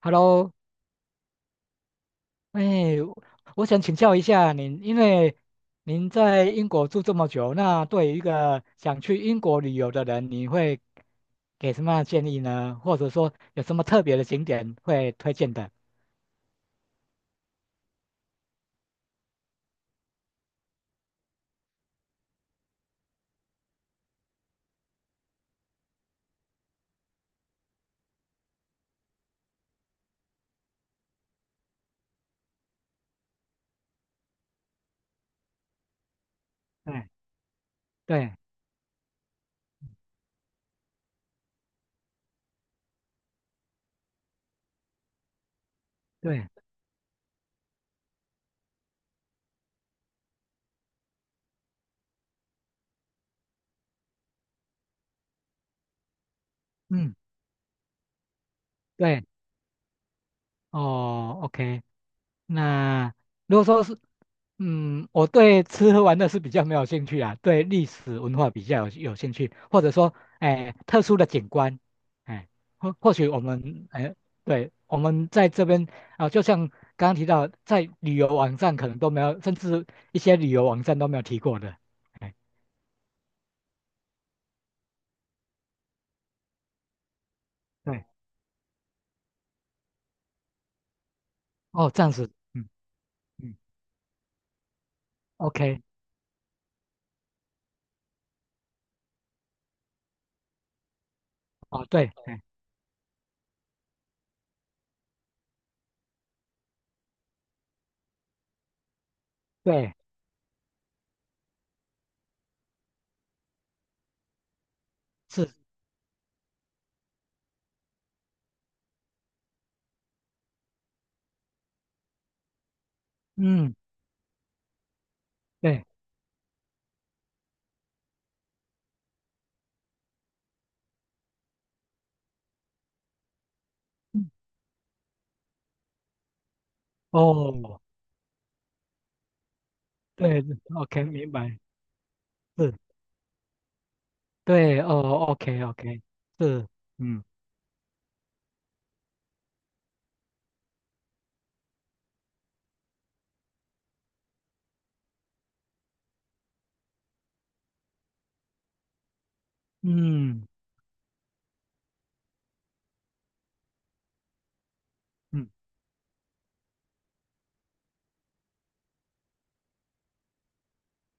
Hello，哎，我想请教一下您。因为您在英国住这么久，那对于一个想去英国旅游的人，你会给什么样的建议呢？或者说有什么特别的景点会推荐的？对对对，嗯，对，哦 o k。 那如果说是，我对吃喝玩乐是比较没有兴趣啊，对历史文化比较有兴趣。或者说，哎，特殊的景观，哎，或许我们，哎，对，我们在这边啊，就像刚刚提到，在旅游网站可能都没有，甚至一些旅游网站都没有提过的，哎，对。哦，这样子，嗯嗯，OK，哦，对，哎，对，是，嗯，对，嗯哦，对，OK，明白，是。对，哦，OK，OK，是，嗯嗯嗯，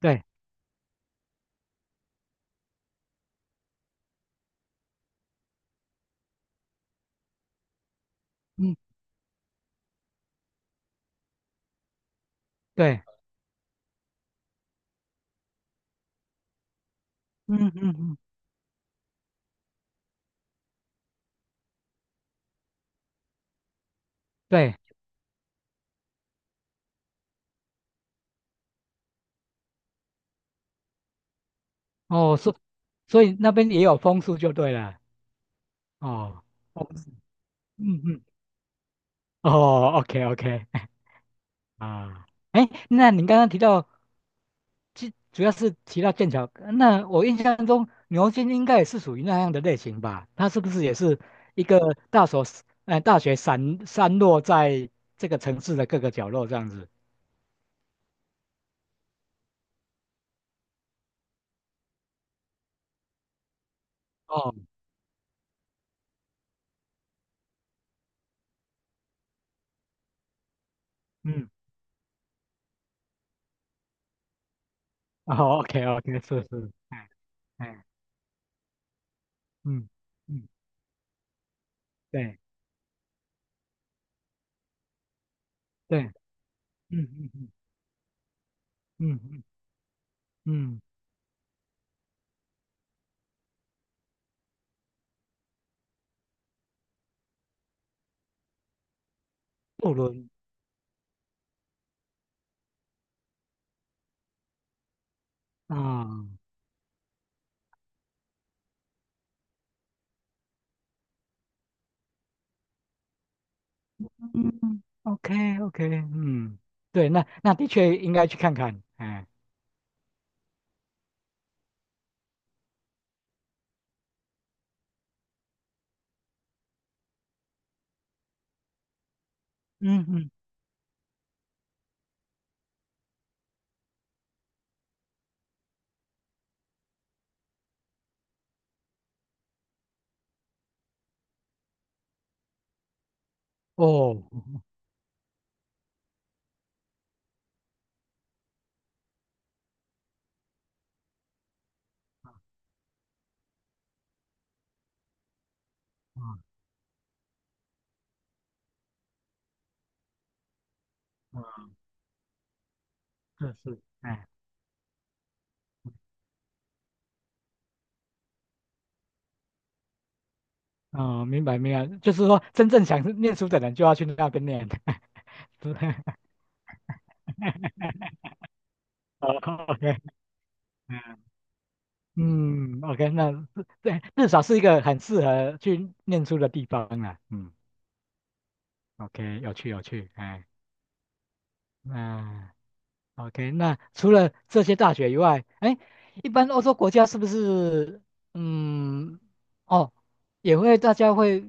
对，嗯对，嗯嗯嗯，对。哦，所以那边也有枫树就对了？哦，枫树，嗯嗯，哦，OK，OK，啊。哎，那您刚刚提到，主要是提到剑桥，那我印象中牛津应该也是属于那样的类型吧？它是不是也是一个大所，大学散落在这个城市的各个角落这样子？哦，嗯 哦，OK 哦 OK，是是，哎哎，嗯嗯，对对，嗯嗯嗯嗯嗯嗯，渡轮啊，嗯，OK OK，嗯。对，那那的确应该去看看，哎，嗯嗯，哦，啊啊，是是，哎。哦，明白明白，就是说真正想念书的人就要去那边念，是 哦，OK，哎嗯，OK。那至对，至少是一个很适合去念书的地方啊，嗯。OK，有趣有趣，哎，那 OK，那除了这些大学以外，哎，一般欧洲国家是不是，嗯，哦，也会大家会，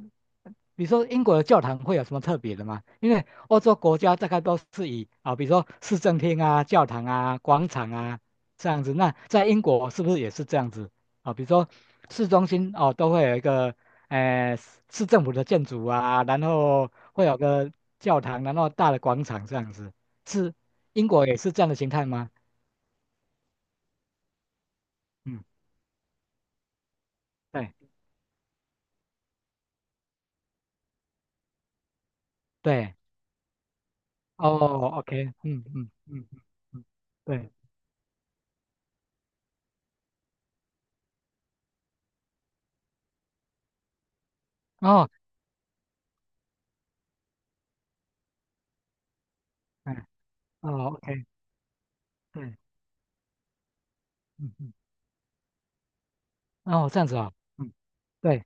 比如说英国的教堂会有什么特别的吗？因为欧洲国家大概都是以啊，比如说市政厅啊、教堂啊、广场啊这样子。那在英国是不是也是这样子啊？比如说市中心哦，都会有一个，市政府的建筑啊，然后会有个教堂，然后大的广场这样子。是英国也是这样的形态吗？嗯，对对，哦，OK，嗯嗯嗯嗯嗯，对，哦，嗯，哦，OK，对，嗯嗯，嗯哦，这样子哦，嗯，对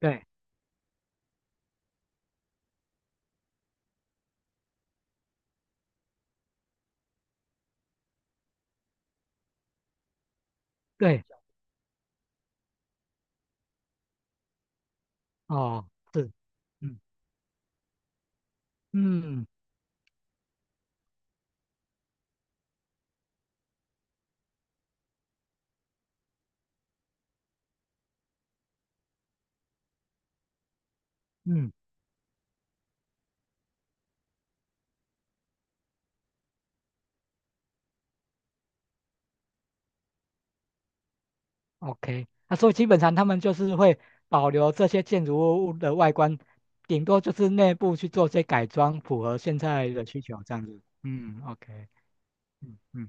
对对，哦，是，嗯嗯嗯。OK，那、所以基本上他们就是会保留这些建筑物的外观，顶多就是内部去做些改装，符合现在的需求这样子。嗯，OK，嗯嗯，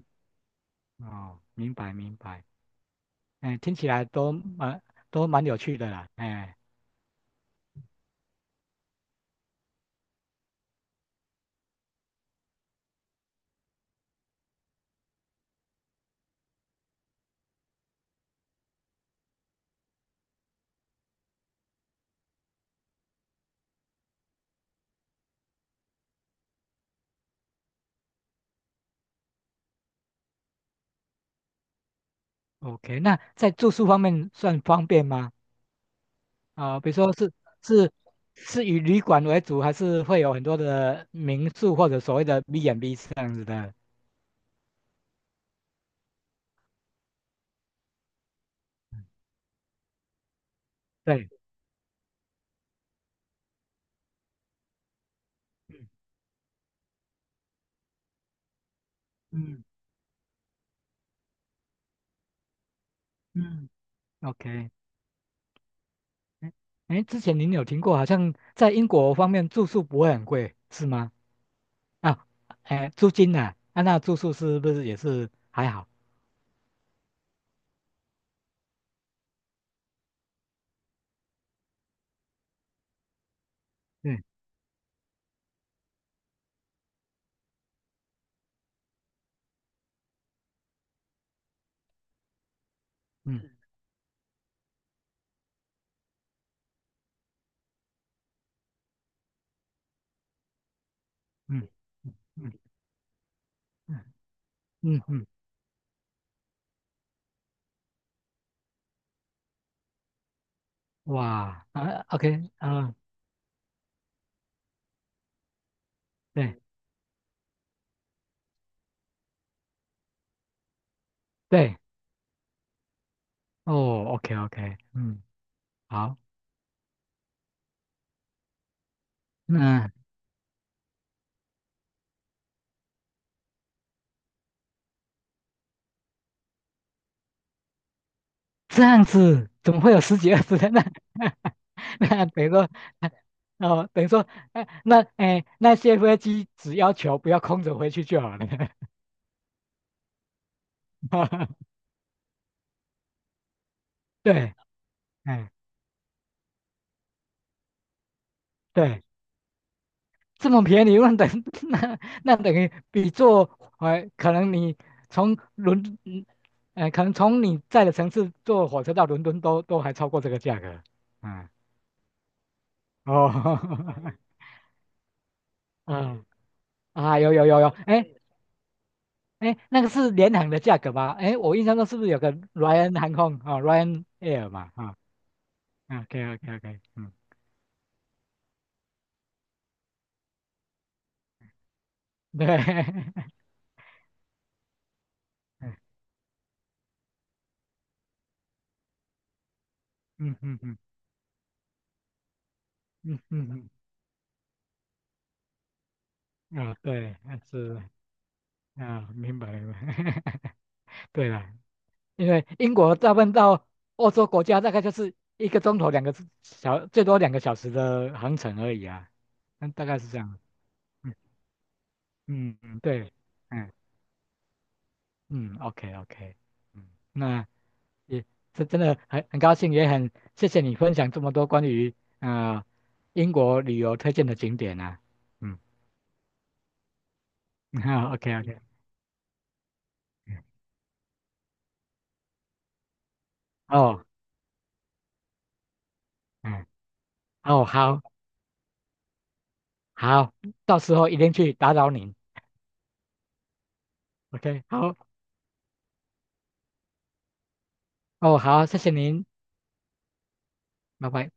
哦，明白明白。哎，听起来都蛮都蛮有趣的啦。哎，OK，那在住宿方面算方便吗？啊、比如说是是以旅馆为主，还是会有很多的民宿或者所谓的 B&B 这样子的？对，嗯嗯，OK，嗯哎。哎之前您有听过，好像在英国方面住宿不会很贵，是吗？啊，哎，租金呢、啊？啊那住宿是不是也是还好？对，嗯嗯嗯嗯嗯嗯嗯。嗯哇啊，OK 啊，对对哦，OK OK，嗯，好。那这样子怎么会有十几二十人呢？那等于说，哦，等于说，那些飞机只要求不要空着回去就好了。对，哎，对，这么便宜，那等 那那等于比坐，呃，可能你从伦，嗯可能从你在的城市坐火车到伦敦都还超过这个价格。嗯。哦，嗯啊，有有有有，哎哎，那个是联航的价格吧？哎，我印象中是不是有个 Ryan 航空啊哦，Ryan Air 嘛？啊，OK OK OK，嗯，对，嗯嗯嗯嗯嗯嗯嗯，啊，对，是啊，明白明白，对了。因为英国大部分到欧洲国家大概就是一个钟头两个小，最多2个小时的航程而已啊，那大概是这样，嗯嗯嗯，对。嗯嗯，OK OK，嗯。那也是真的很高兴，也很谢谢你分享这么多关于呃英国旅游推荐的景点啊。嗯，好，OK OK，哦，嗯，哦，好，好，到时候一定去打扰您。OK，好，哦，好，谢谢您，拜拜。